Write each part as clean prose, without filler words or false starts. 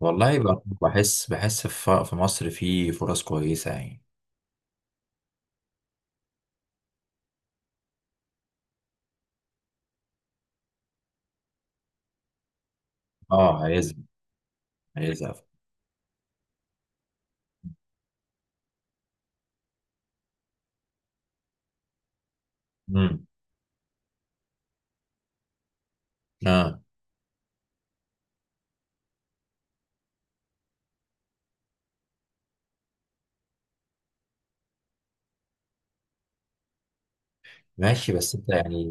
والله بحس في مصر في فرص كويسة يعني. اه. عايز عايز. امم اه. ماشي، بس انت يعني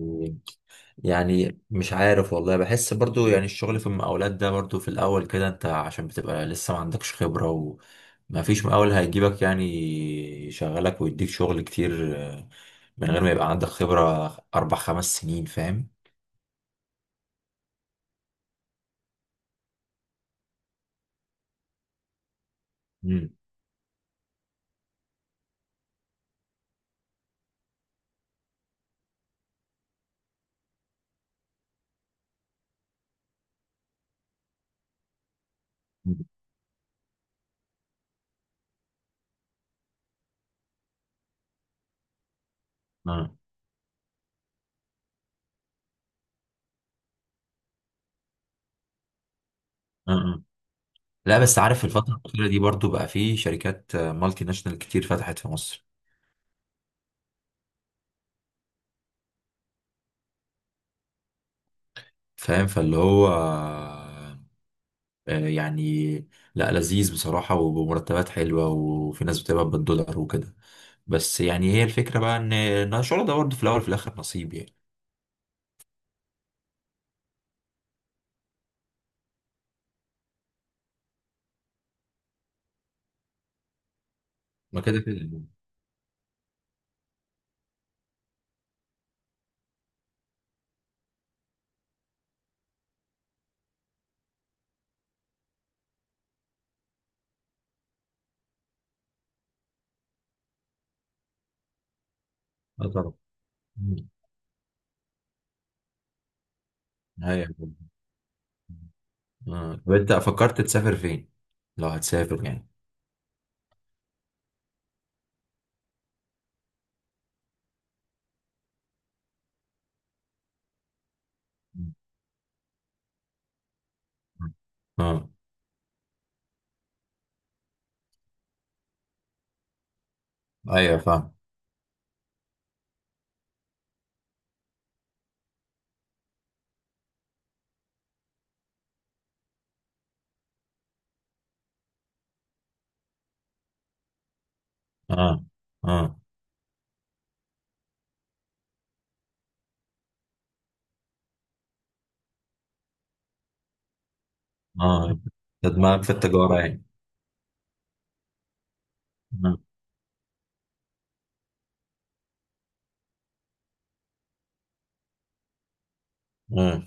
يعني مش عارف، والله بحس برضو يعني الشغل في المقاولات ده برضو في الاول كده، انت عشان بتبقى لسه ما عندكش خبرة وما فيش مقاول هيجيبك يعني يشغلك ويديك شغل كتير. من غير ما يبقى عندك خبرة اربع خمس سنين، فاهم؟ امم امم، اه اه آه. لا بس عارف الفترة الأخيرة دي برضو بقى في شركات مالتي ناشونال كتير فتحت في مصر. فاهم، فاللي هو، يعني لا لذيذ بصراحة وبمرتبات حلوة، وفي ناس بتقبض بالدولار وكده. بس يعني هي الفكرة بقى إن الشغل ده برضه في الأول وفي الآخر نصيب يعني. ما كده كده يعني. اه طبعا. مم. ايوه. اه، طب أنت فكرت تسافر فين؟ لو هتسافر يعني. مم. اه ايوه فاهم. اه اه اه، ده دماغك في التجارة يعني. اه آه.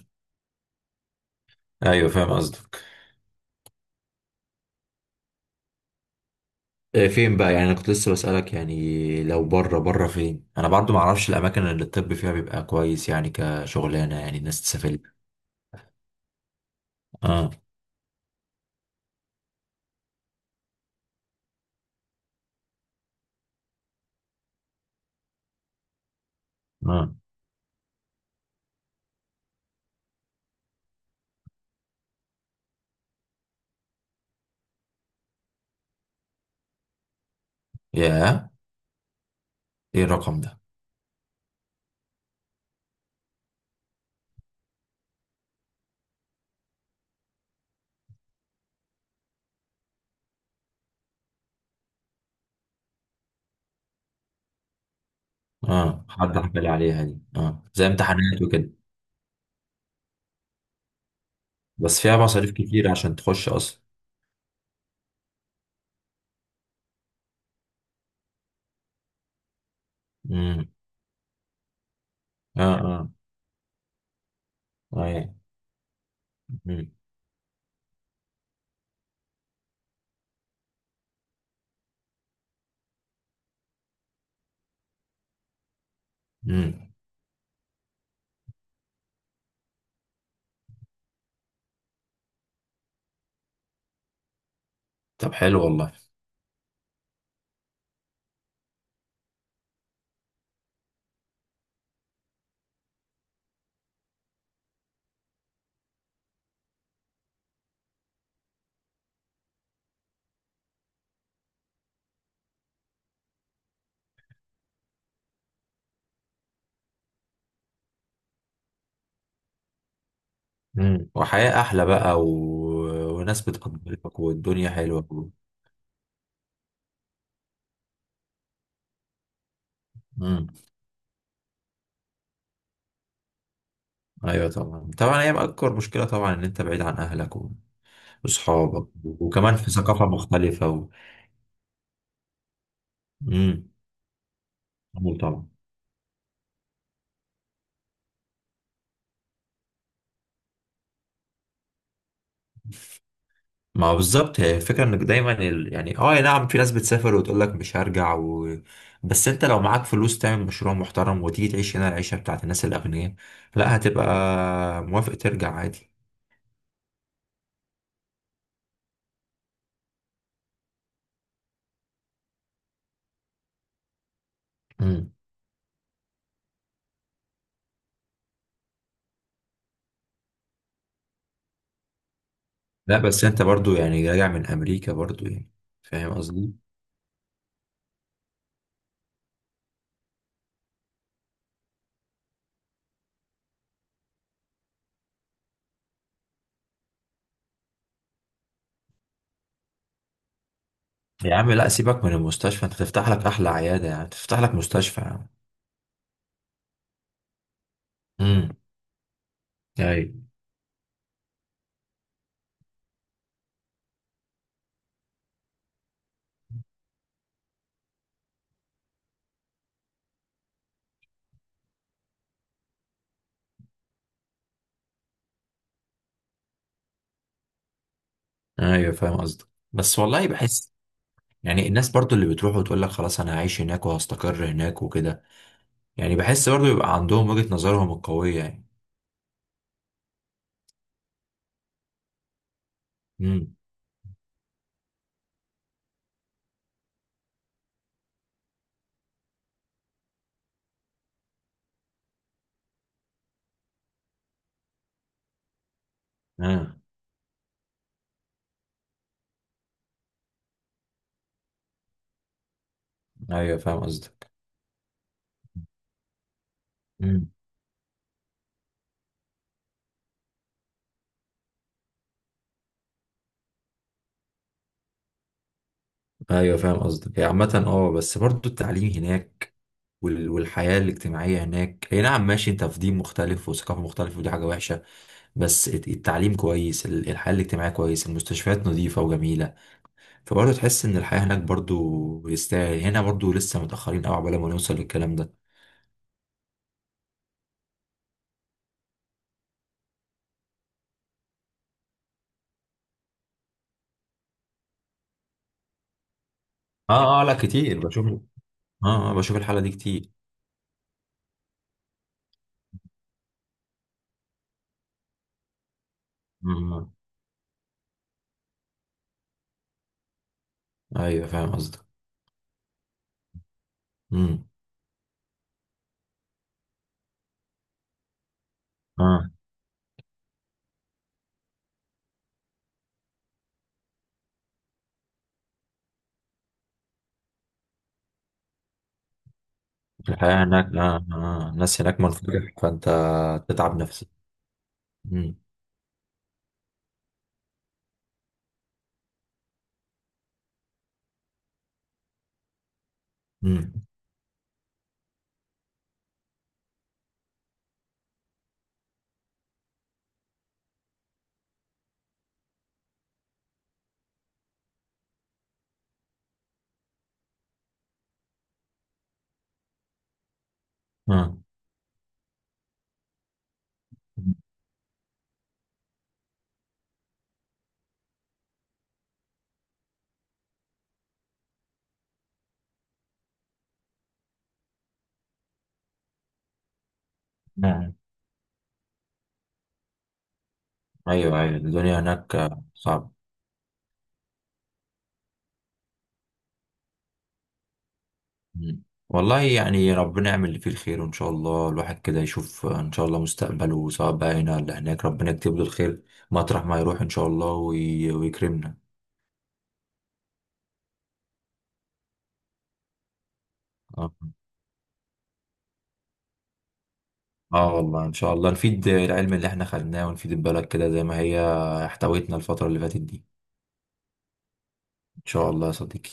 ايوه فاهم قصدك. فين بقى؟ يعني انا كنت لسه بسألك يعني لو بره بره فين، انا برضو ما اعرفش الاماكن اللي الطب فيها بيبقى كويس يعني كشغلانه، يعني الناس تسافر لها. اه اه، يا، ايه الرقم ده؟ اه حد حكى لي عليها دي، زي امتحانات وكده. بس فيها مصاريف كتير عشان تخش اصلا. امم. اه اه ايوه. امم امم. طب حلو والله. امم، وحياه احلى بقى وناس بتقدرك والدنيا حلوه. امم. ايوه طبعا طبعا، هي اكبر مشكله طبعا ان انت بعيد عن اهلك واصحابك، وكمان في ثقافه مختلفه. امم. طبعا. ما هو بالظبط، هي الفكره انك دايما يعني اه نعم في ناس بتسافر وتقول لك مش هرجع. بس انت لو معاك فلوس تعمل مشروع محترم وتيجي تعيش هنا العيشه بتاعت الناس الاغنياء، لا هتبقى موافق ترجع عادي. امم. لا بس انت برضو يعني راجع من امريكا برضو يعني، فاهم قصدي. يا عم لا، سيبك من المستشفى، انت تفتح لك احلى عياده، يعني تفتح لك مستشفى يعني. ايوه ايوه فاهم قصدك. بس والله بحس يعني الناس برضو اللي بتروح وتقول لك خلاص انا هعيش هناك وهستقر هناك وكده، يعني بحس برضو يبقى عندهم وجهة نظرهم القوية يعني. امم. اه ايوه فاهم قصدك. امم. ايوه فاهم قصدك. هي عامة اه بس برضو التعليم هناك والحياة الاجتماعية هناك، هي نعم ماشي انت في دين مختلف وثقافة مختلفة ودي حاجة وحشة. بس التعليم كويس، الحياة الاجتماعية كويس، المستشفيات نظيفة وجميلة، فبرضه تحس ان الحياة هناك برضه يستاهل. هنا برضه لسه متأخرين قوي عقبال ما نوصل للكلام ده. اه اه لا، كتير بشوف. اه اه بشوف الحالة دي كتير. امم ايوه فاهم قصدك. امم. اه الحياة هناك، الناس هناك منفتحة، فانت تتعب نفسك. امم. امم. اه آه. ايوه ايوه الدنيا هناك صعبة. مم. والله يعني ربنا يعمل اللي فيه الخير، وان شاء الله الواحد كده يشوف ان شاء الله مستقبله، سواء بقى هنا ولا هناك ربنا يكتب له الخير مطرح ما يروح ان شاء الله ويكرمنا. اه آه، والله ان شاء الله نفيد العلم اللي احنا خدناه ونفيد البلد كده زي ما هي احتوتنا الفترة اللي فاتت دي. ان شاء الله يا صديقي.